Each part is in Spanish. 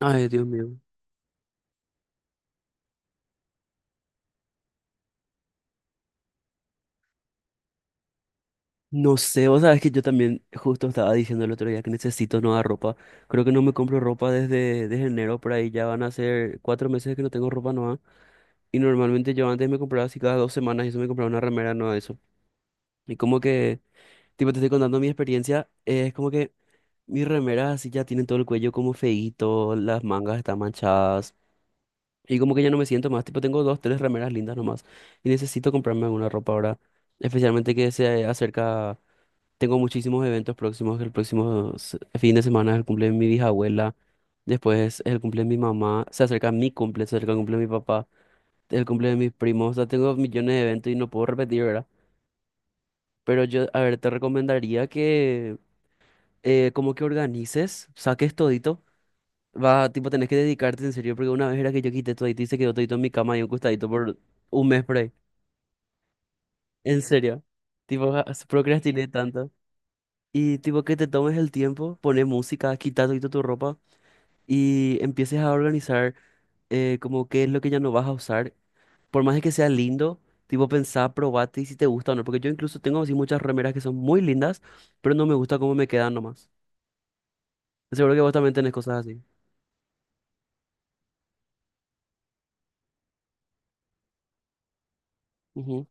Ay, Dios mío. No sé, o sea, es que yo también justo estaba diciendo el otro día que necesito nueva ropa. Creo que no me compro ropa desde enero, por ahí ya van a ser 4 meses que no tengo ropa nueva. Y normalmente yo antes me compraba así cada 2 semanas y eso me compraba una remera nueva de eso. Y como que, tipo, te estoy contando mi experiencia, es como que mis remeras así ya tienen todo el cuello como feíto, las mangas están manchadas. Y como que ya no me siento más, tipo, tengo dos, tres remeras lindas nomás. Y necesito comprarme alguna ropa ahora, especialmente que se acerca. Tengo muchísimos eventos próximos. El próximo fin de semana es el cumple de mi bisabuela. Después es el cumple de mi mamá. Se acerca mi cumple, se acerca el cumple de mi papá. El cumple de mis primos. O sea, tengo millones de eventos y no puedo repetir, ¿verdad? Pero yo, a ver, te recomendaría que como que organices, saques todito. Va, tipo, tenés que dedicarte en serio, porque una vez era que yo quité todito y se quedó todito en mi cama y un costadito por un mes por ahí. En serio. Tipo, procrastiné tanto. Y tipo que te tomes el tiempo, pones música, quita todito tu ropa y empieces a organizar como qué es lo que ya no vas a usar. Por más de que sea lindo, tipo pensá, probate y si te gusta o no. Porque yo incluso tengo así muchas remeras que son muy lindas, pero no me gusta cómo me quedan nomás. Seguro que vos también tenés cosas así. Ujú.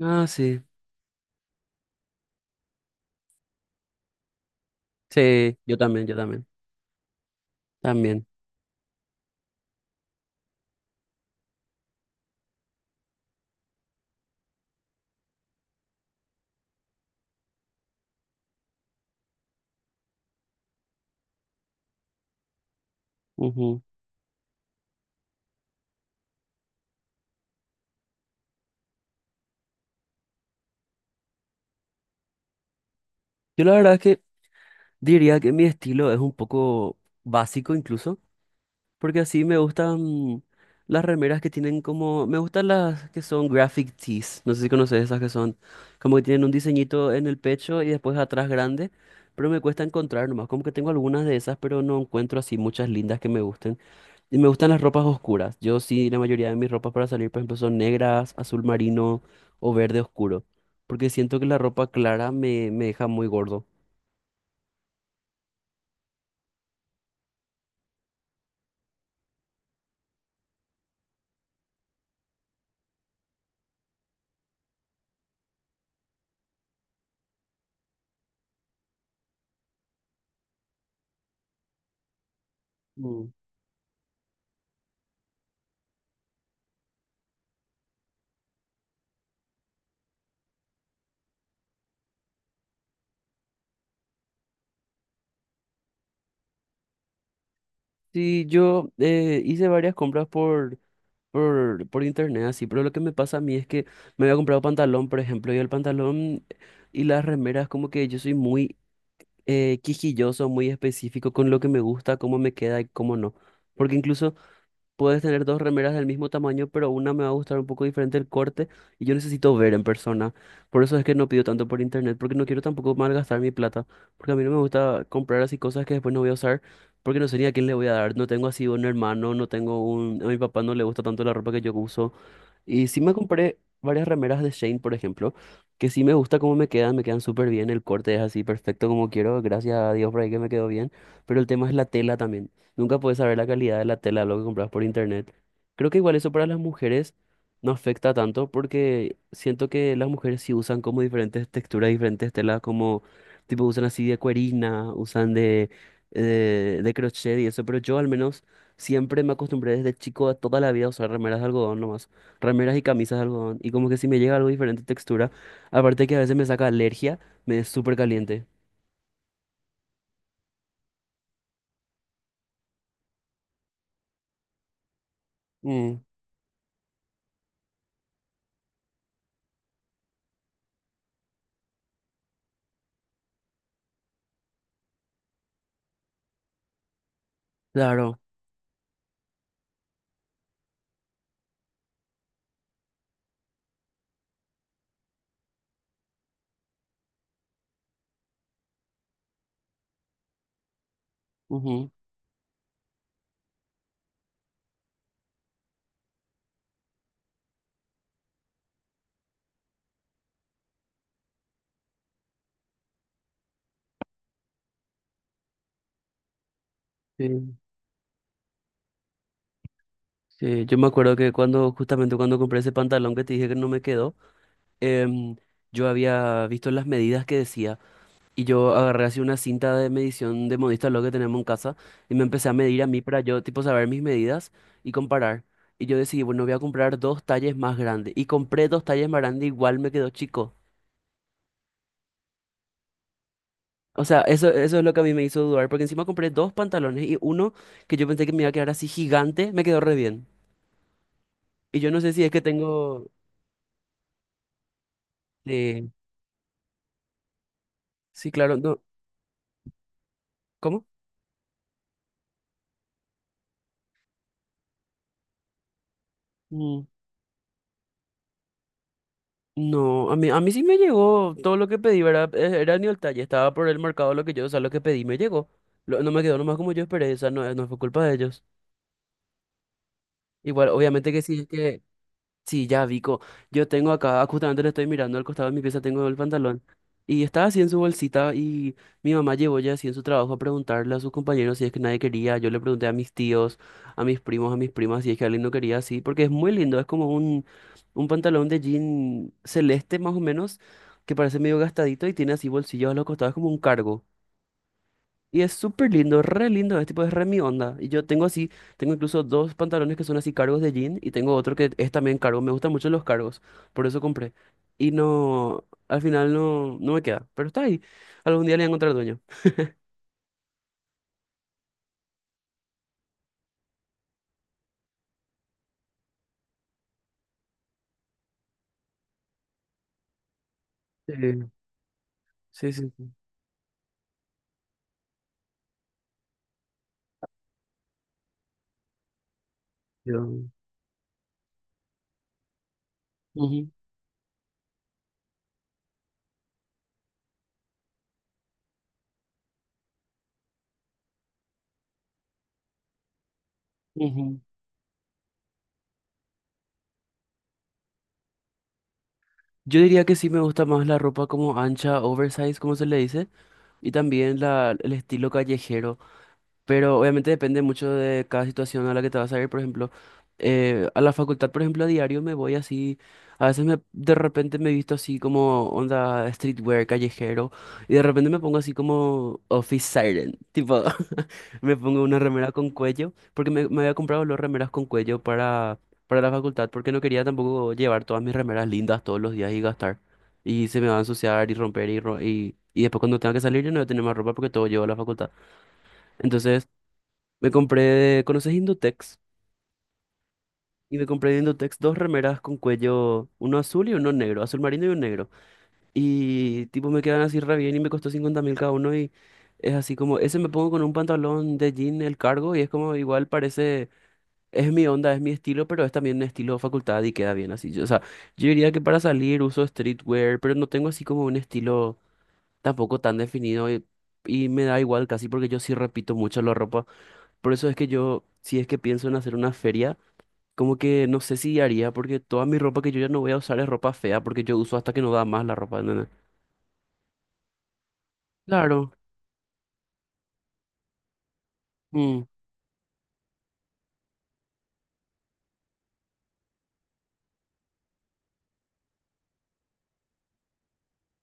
Ah, sí. Sí, yo también, yo también. También. Ujú. Yo la verdad es que diría que mi estilo es un poco básico incluso. Porque así me gustan las remeras que tienen como... Me gustan las que son graphic tees. No sé si conoces esas que son como que tienen un diseñito en el pecho y después atrás grande. Pero me cuesta encontrar nomás. Como que tengo algunas de esas, pero no encuentro así muchas lindas que me gusten. Y me gustan las ropas oscuras. Yo sí, la mayoría de mis ropas para salir, por ejemplo, son negras, azul marino o verde oscuro. Porque siento que la ropa clara me deja muy gordo. Mm. Sí, yo hice varias compras por internet, así, pero lo que me pasa a mí es que me había comprado pantalón, por ejemplo, y el pantalón y las remeras, como que yo soy muy quisquilloso, muy específico con lo que me gusta, cómo me queda y cómo no. Porque incluso puedes tener dos remeras del mismo tamaño, pero una me va a gustar un poco diferente el corte y yo necesito ver en persona. Por eso es que no pido tanto por internet, porque no quiero tampoco malgastar mi plata, porque a mí no me gusta comprar así cosas que después no voy a usar, porque no sé ni a quién le voy a dar. No tengo así un hermano, no tengo un... A mi papá no le gusta tanto la ropa que yo uso. Y sí me compré varias remeras de Shane, por ejemplo, que sí me gusta cómo me quedan súper bien, el corte es así perfecto como quiero, gracias a Dios por ahí que me quedó bien, pero el tema es la tela también. Nunca puedes saber la calidad de la tela, de lo que compras por internet. Creo que igual eso para las mujeres no afecta tanto porque siento que las mujeres sí usan como diferentes texturas, diferentes telas, como tipo usan así de cuerina, usan de crochet y eso, pero yo al menos siempre me acostumbré desde chico a toda la vida a usar remeras de algodón nomás. Remeras y camisas de algodón. Y como que si me llega algo diferente textura. Aparte que a veces me saca alergia, me es súper caliente. Mm. Claro. Ujú. Sí, sí. Yo me acuerdo que cuando, justamente cuando compré ese pantalón que te dije que no me quedó, em, yo había visto las medidas que decía. Y yo agarré así una cinta de medición de modista lo que tenemos en casa. Y me empecé a medir a mí para yo, tipo, saber mis medidas y comparar. Y yo decidí, bueno, voy a comprar dos talles más grandes. Y compré dos talles más grandes, igual me quedó chico. O sea, eso es lo que a mí me hizo dudar, porque encima compré dos pantalones y uno que yo pensé que me iba a quedar así gigante, me quedó re bien. Y yo no sé si es que tengo... Eh, sí, claro, no. ¿Cómo? Mm. No, a mí sí me llegó todo lo que pedí, ¿verdad? Era ni el talle, estaba por el mercado lo que yo, o sea, lo que pedí me llegó. No me quedó nomás como yo esperé, o sea, no, no fue culpa de ellos. Igual, obviamente que sí, es que Sí, ya, Vico. Yo tengo acá, justamente le estoy mirando al costado de mi pieza, tengo el pantalón. Y estaba así en su bolsita y mi mamá llevó ya así en su trabajo a preguntarle a sus compañeros si es que nadie quería. Yo le pregunté a mis tíos, a mis primos, a mis primas si es que alguien no quería así, porque es muy lindo, es como un pantalón de jean celeste más o menos, que parece medio gastadito y tiene así bolsillos a los costados como un cargo. Y es súper lindo, re lindo, es tipo, es re mi onda. Y yo tengo así, tengo incluso dos pantalones que son así cargos de jean y tengo otro que es también cargo. Me gustan mucho los cargos, por eso compré. Y no, al final no, no me queda, pero está ahí. Algún día le voy a encontrar dueño. Sí, sí, sí. Sí. Yo... Ujú, ujú. Yo diría que sí me gusta más la ropa como ancha, oversize, como se le dice, y también el estilo callejero. Pero obviamente depende mucho de cada situación a la que te vas a ir. Por ejemplo, a la facultad, por ejemplo, a diario me voy así. A veces de repente me visto así como onda streetwear, callejero. Y de repente me pongo así como office siren. Tipo, me pongo una remera con cuello. Porque me había comprado los remeras con cuello para, la facultad. Porque no quería tampoco llevar todas mis remeras lindas todos los días y gastar. Y se me va a ensuciar y romper y después cuando tenga que salir yo no voy a tener más ropa porque todo llevo a la facultad. Entonces... Me compré, ¿conoces Indutex? Y me compré de Indutex dos remeras con cuello, uno azul y uno negro, azul marino y un negro. Y tipo me quedan así re bien y me costó 50 mil cada uno y es así como, ese me pongo con un pantalón de jean el cargo y es como igual parece, es mi onda, es mi estilo, pero es también estilo facultad y queda bien así. O sea, yo diría que para salir uso streetwear, pero no tengo así como un estilo tampoco tan definido y me da igual casi porque yo sí repito mucho la ropa. Por eso es que yo, si es que pienso en hacer una feria, como que no sé si haría, porque toda mi ropa que yo ya no voy a usar es ropa fea, porque yo uso hasta que no da más la ropa, ¿entendés? Claro, mm,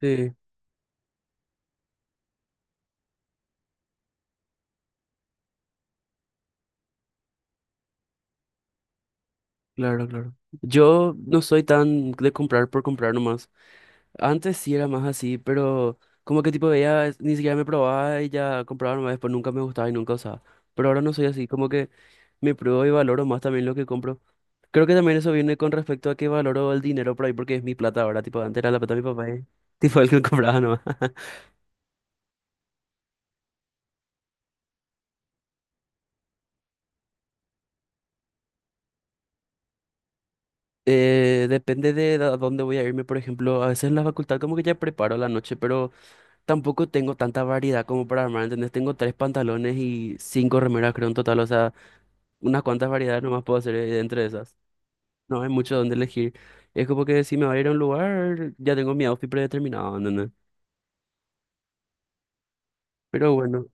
sí, claro, claro. Yo no soy tan de comprar por comprar nomás. Antes sí era más así, pero como que tipo veía, ni siquiera me probaba y ya compraba nomás, después nunca me gustaba y nunca usaba. Pero ahora no soy así, como que me pruebo y valoro más también lo que compro. Creo que también eso viene con respecto a que valoro el dinero por ahí, porque es mi plata ahora, tipo, antes era la plata de mi papá, y, tipo, el que compraba nomás. Depende de a dónde voy a irme, por ejemplo, a veces en la facultad como que ya preparo la noche, pero tampoco tengo tanta variedad como para armar, ¿entendés? Tengo tres pantalones y cinco remeras, creo, en total, o sea, unas cuantas variedades nomás puedo hacer entre esas. No hay mucho donde elegir. Es como que si me voy a ir a un lugar, ya tengo mi outfit predeterminado, ¿entendés? Pero bueno,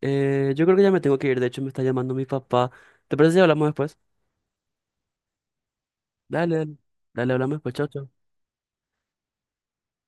yo creo que ya me tengo que ir, de hecho me está llamando mi papá. ¿Te parece si hablamos después? Dale, dale, dale, hablamos después, chao, chao.